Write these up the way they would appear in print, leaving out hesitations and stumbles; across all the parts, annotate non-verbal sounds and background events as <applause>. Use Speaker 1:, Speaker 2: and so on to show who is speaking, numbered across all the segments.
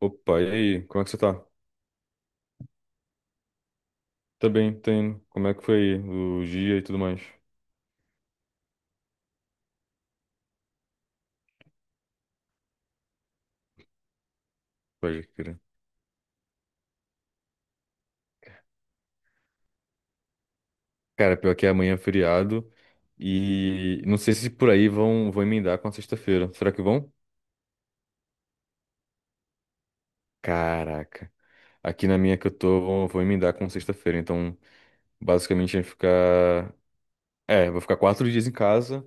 Speaker 1: Opa, e aí? Como é que você tá? Tá bem, tá. Como é que foi o dia e tudo mais? Pode crer. Cara, pior que amanhã é feriado e não sei se por aí vão emendar com a sexta-feira. Será que vão? Caraca. Aqui na minha que eu tô, vou emendar com sexta-feira. Então, basicamente, vai ficar... É, vou ficar 4 dias em casa.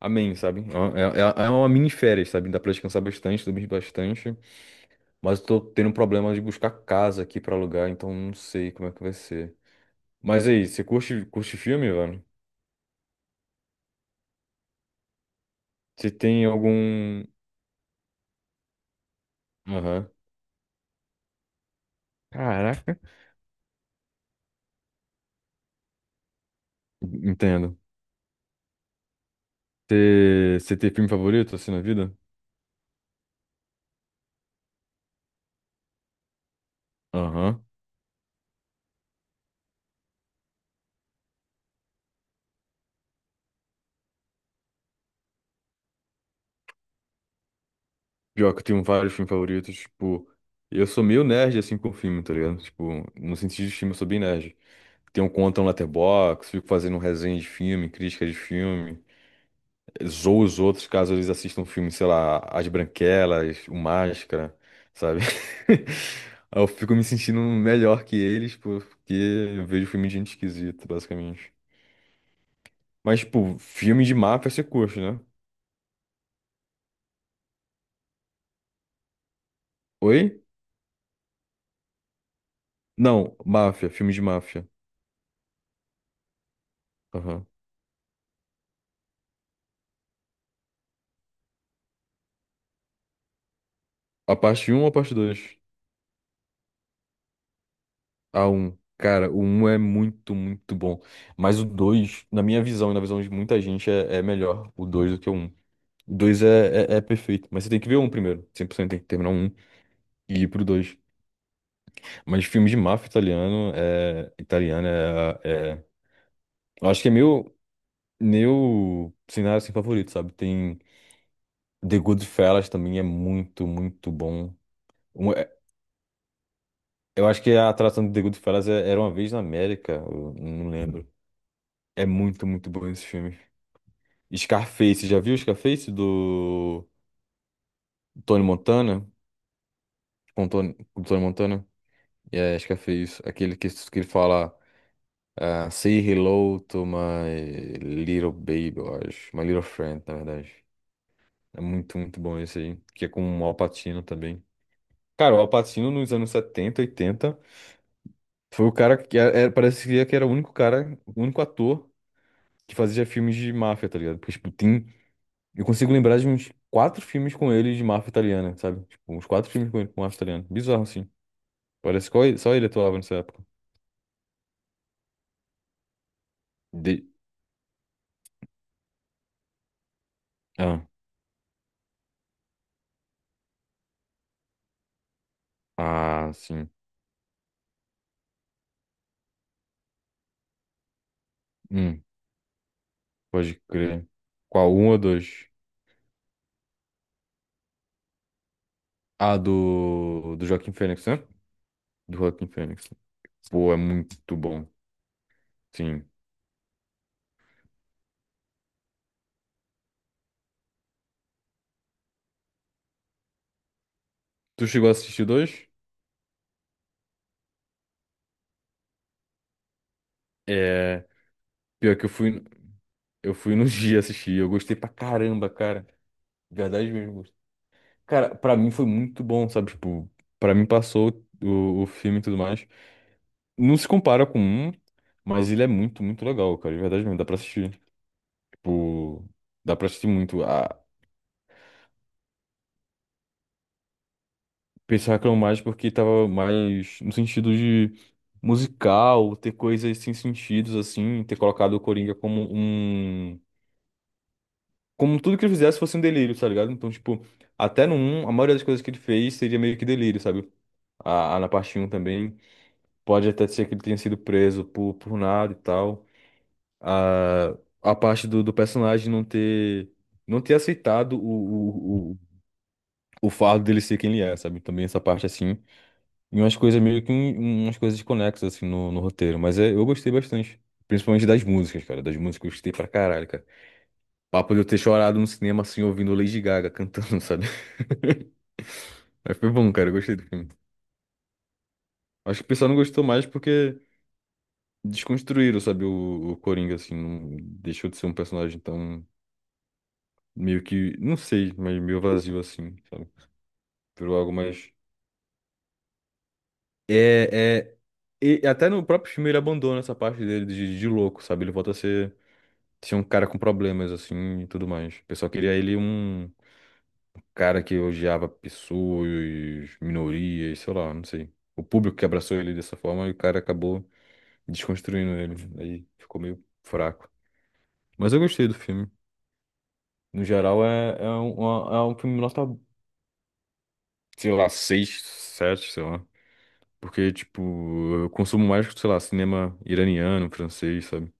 Speaker 1: Amém, sabe? É uma mini férias, sabe? Dá pra descansar bastante, dormir bastante. Mas eu tô tendo um problema de buscar casa aqui pra alugar, então não sei como é que vai ser. Mas aí, você curte filme, mano? Você tem algum. Aham. Caraca. Entendo. Você tem filme favorito assim na vida? Aham. Pior que eu tenho vários filmes favoritos, tipo, eu sou meio nerd assim com filme, tá ligado? Tipo, no sentido de filme eu sou bem nerd. Tenho conta no Letterboxd, fico fazendo resenha de filme, crítica de filme. Zoa os outros caso eles assistam um filme, sei lá, As Branquelas, O Máscara, sabe? <laughs> Aí eu fico me sentindo melhor que eles porque eu vejo filme de gente esquisita, basicamente. Mas, tipo, filme de máfia você curte, né? Oi? Não, máfia, filme de máfia. Aham. A parte um ou a parte dois? A um Cara, o um é muito, muito bom. Mas o dois, na minha visão e na visão de muita gente, é melhor o 2 do que o um. Dois é perfeito, mas você tem que ver um primeiro. 100% tem que terminar um e ir pro dois. Mas filme de máfia italiano é. Italiano é. é- eu acho que é meu. Meu cenário assim, favorito, sabe? Tem The Goodfellas também, é muito, muito bom. Um- é- Eu acho que a atração de The Goodfellas era Uma Vez na América, eu não lembro. É muito, muito bom esse filme. Scarface, já viu Scarface do Tony Montana? Com Tony Montana? É, Scarface, aquele que ele fala. Ah, Say Hello to My Little Baby, eu acho. My Little Friend, na verdade. É muito, muito bom esse aí. Que é com o Al Pacino também. Cara, o Al Pacino nos anos 70, 80, foi o cara que parece que era o único cara, o único ator que fazia filmes de máfia, tá ligado? Porque, tipo, tem. Eu consigo lembrar de uns quatro filmes com ele de máfia italiana, sabe? Tipo, uns quatro filmes com ele, com máfia italiana. Bizarro, assim. Parece que só ele atuava nessa época. De... Ah, ah, sim. Hum, pode crer. Qual? Um ou dois? Ah, do Joaquim Fênix, né? Do Joaquim Fênix. Pô, é muito bom. Sim. Tu chegou a assistir dois? É. Pior que eu fui no <laughs> dia assistir. Eu gostei pra caramba, cara. Verdade mesmo. Cara, pra mim foi muito bom, sabe? Tipo, pra mim passou o filme e tudo mais. Não se compara com um, mas ele é muito, muito legal, cara. De verdade mesmo. Dá pra assistir. Tipo, dá pra assistir muito. Pensacram mais porque tava mais no sentido de musical, ter coisas sem sentidos, assim, ter colocado o Coringa como um. Como tudo que ele fizesse fosse um delírio, tá ligado? Então, tipo, até no um a maioria das coisas que ele fez seria meio que delírio, sabe? A na parte um também. Pode até ser que ele tenha sido preso por nada e tal. A, a parte do personagem não ter. Não ter aceitado o fardo dele ser quem ele é, sabe? Também essa parte assim. E umas coisas meio que umas coisas conexas assim no roteiro, mas é, eu gostei bastante. Principalmente das músicas, cara. Das músicas eu gostei pra caralho, cara. Papo de eu ter chorado no cinema assim, ouvindo Lady Gaga cantando, <laughs> sabe? Mas foi bom, cara. Eu gostei do filme. Acho que o pessoal não gostou mais porque desconstruíram, sabe, o Coringa, assim. Não, deixou de ser um personagem tão meio que, não sei, mas meio vazio assim, sabe? Virou algo mais. É, é. E até no próprio filme ele abandona essa parte dele de louco, sabe? Ele volta a ser. Tinha um cara com problemas, assim, e tudo mais. O pessoal queria ele um cara que odiava pessoas, minorias, sei lá, não sei. O público que abraçou ele dessa forma e o cara acabou desconstruindo ele. Aí ficou meio fraco. Mas eu gostei do filme. No geral, é um filme nota, sei lá, 6, 7, sei lá. Porque, tipo, eu consumo mais, sei lá, cinema iraniano, francês, sabe?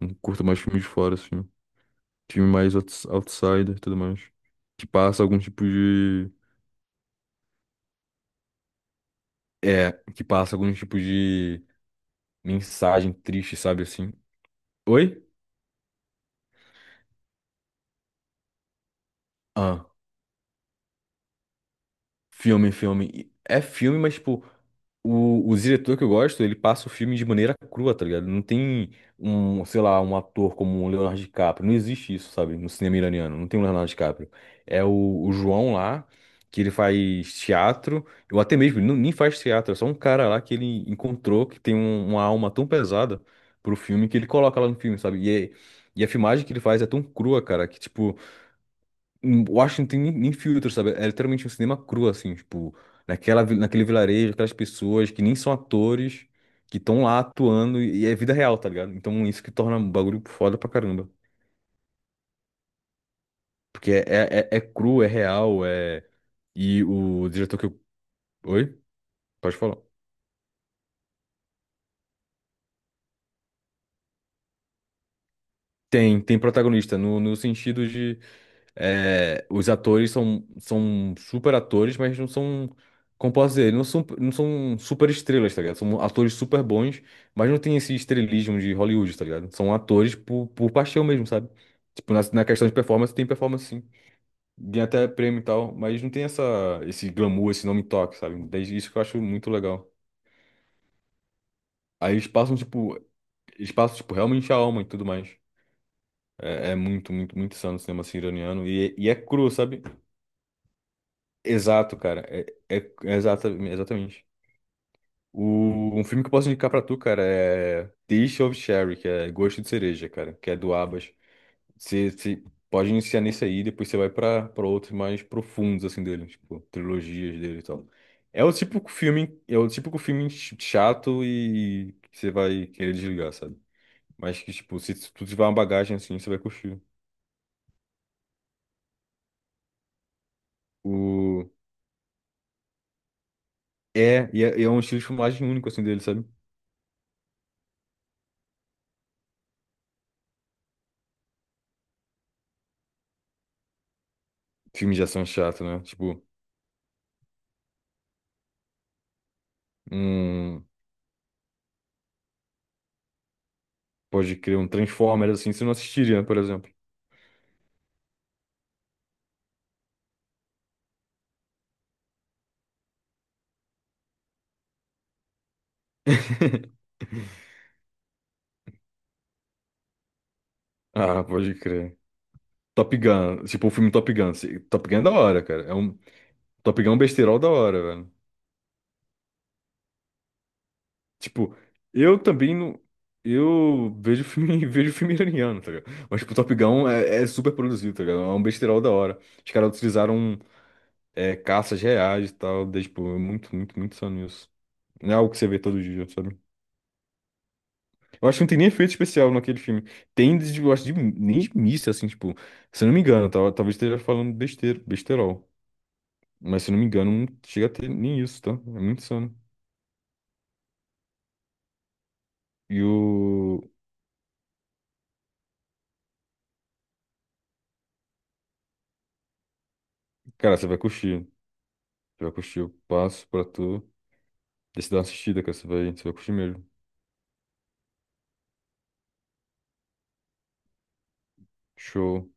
Speaker 1: Não curto mais filmes de fora, assim. Filme mais outsider e tudo mais que passa algum tipo de. É, que passa algum tipo de mensagem triste, sabe assim? Oi? Ah. Filme, filme. E é filme, mas, tipo, o diretor que eu gosto, ele passa o filme de maneira crua, tá ligado? Não tem um, sei lá, um ator como o Leonardo DiCaprio. Não existe isso, sabe? No cinema iraniano. Não tem o Leonardo DiCaprio. É o João lá, que ele faz teatro. Ou até mesmo, ele não, nem faz teatro. É só um cara lá que ele encontrou que tem uma alma tão pesada pro filme que ele coloca lá no filme, sabe? E a filmagem que ele faz é tão crua, cara, que, tipo. Eu tem nem filtro, sabe? É literalmente um cinema cru, assim, tipo, naquele vilarejo, aquelas pessoas que nem são atores, que estão lá atuando e é vida real, tá ligado? Então isso que torna o bagulho foda pra caramba. Porque é cru, é real, é. E o diretor que eu. Oi? Pode falar. Tem protagonista, no sentido. É, os atores são super atores, mas não são, como posso dizer, não são super estrelas, tá ligado? São atores super bons, mas não tem esse estrelismo de Hollywood, tá ligado? São atores por paixão mesmo, sabe? Tipo, na questão de performance, tem performance sim. Ganha até prêmio e tal, mas não tem essa, esse glamour, esse nome toque, sabe? Desde isso que eu acho muito legal. Aí eles passam, tipo, realmente a alma e tudo mais. É, é muito, muito, muito insano o cinema assim, iraniano. E é cru, sabe? Exato, cara. Exatamente. Um filme que eu posso indicar pra tu, cara, é Taste of Cherry, que é Gosto de Cereja, cara, que é do Abas. Você pode iniciar nesse aí, depois você vai pra outros mais profundos, assim, dele, tipo, trilogias dele e tal. É o típico filme chato e que você vai querer desligar, sabe? Mas que, tipo, se tu tiver uma bagagem assim, você vai curtir. O... é um estilo de filmagem único, assim, dele, sabe? Filmes de ação chato, né? Tipo. Um, pode crer, um Transformers assim, você não assistiria, né, por exemplo. <laughs> Ah, pode crer. Top Gun, tipo, o filme Top Gun. Top Gun é da hora, cara. Top Gun é um besterol da hora, velho. Tipo, eu também não. Eu vejo filme, <laughs> vejo filme iraniano, tá ligado? Mas, tipo, Top Gun é super produzido, tá ligado? É um besterol da hora. Os caras utilizaram caças reais e tal. Daí, tipo, é muito, muito, muito só nisso. Não é algo que você vê todo dia, sabe? Eu acho que não tem nem efeito especial naquele filme. Tem, eu acho, de, nem de missa, assim, tipo, se eu não me engano, tá? Talvez esteja falando besteira, besterol. Mas se eu não me engano, não chega a ter nem isso, tá? É muito insano. E o. Cara, você vai curtir. Você vai curtir. Eu passo pra tu. Deixa eu dar uma assistida, cara. Você vai curtir mesmo. Show.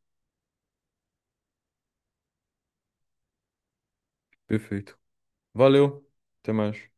Speaker 1: Perfeito. Valeu. Até mais.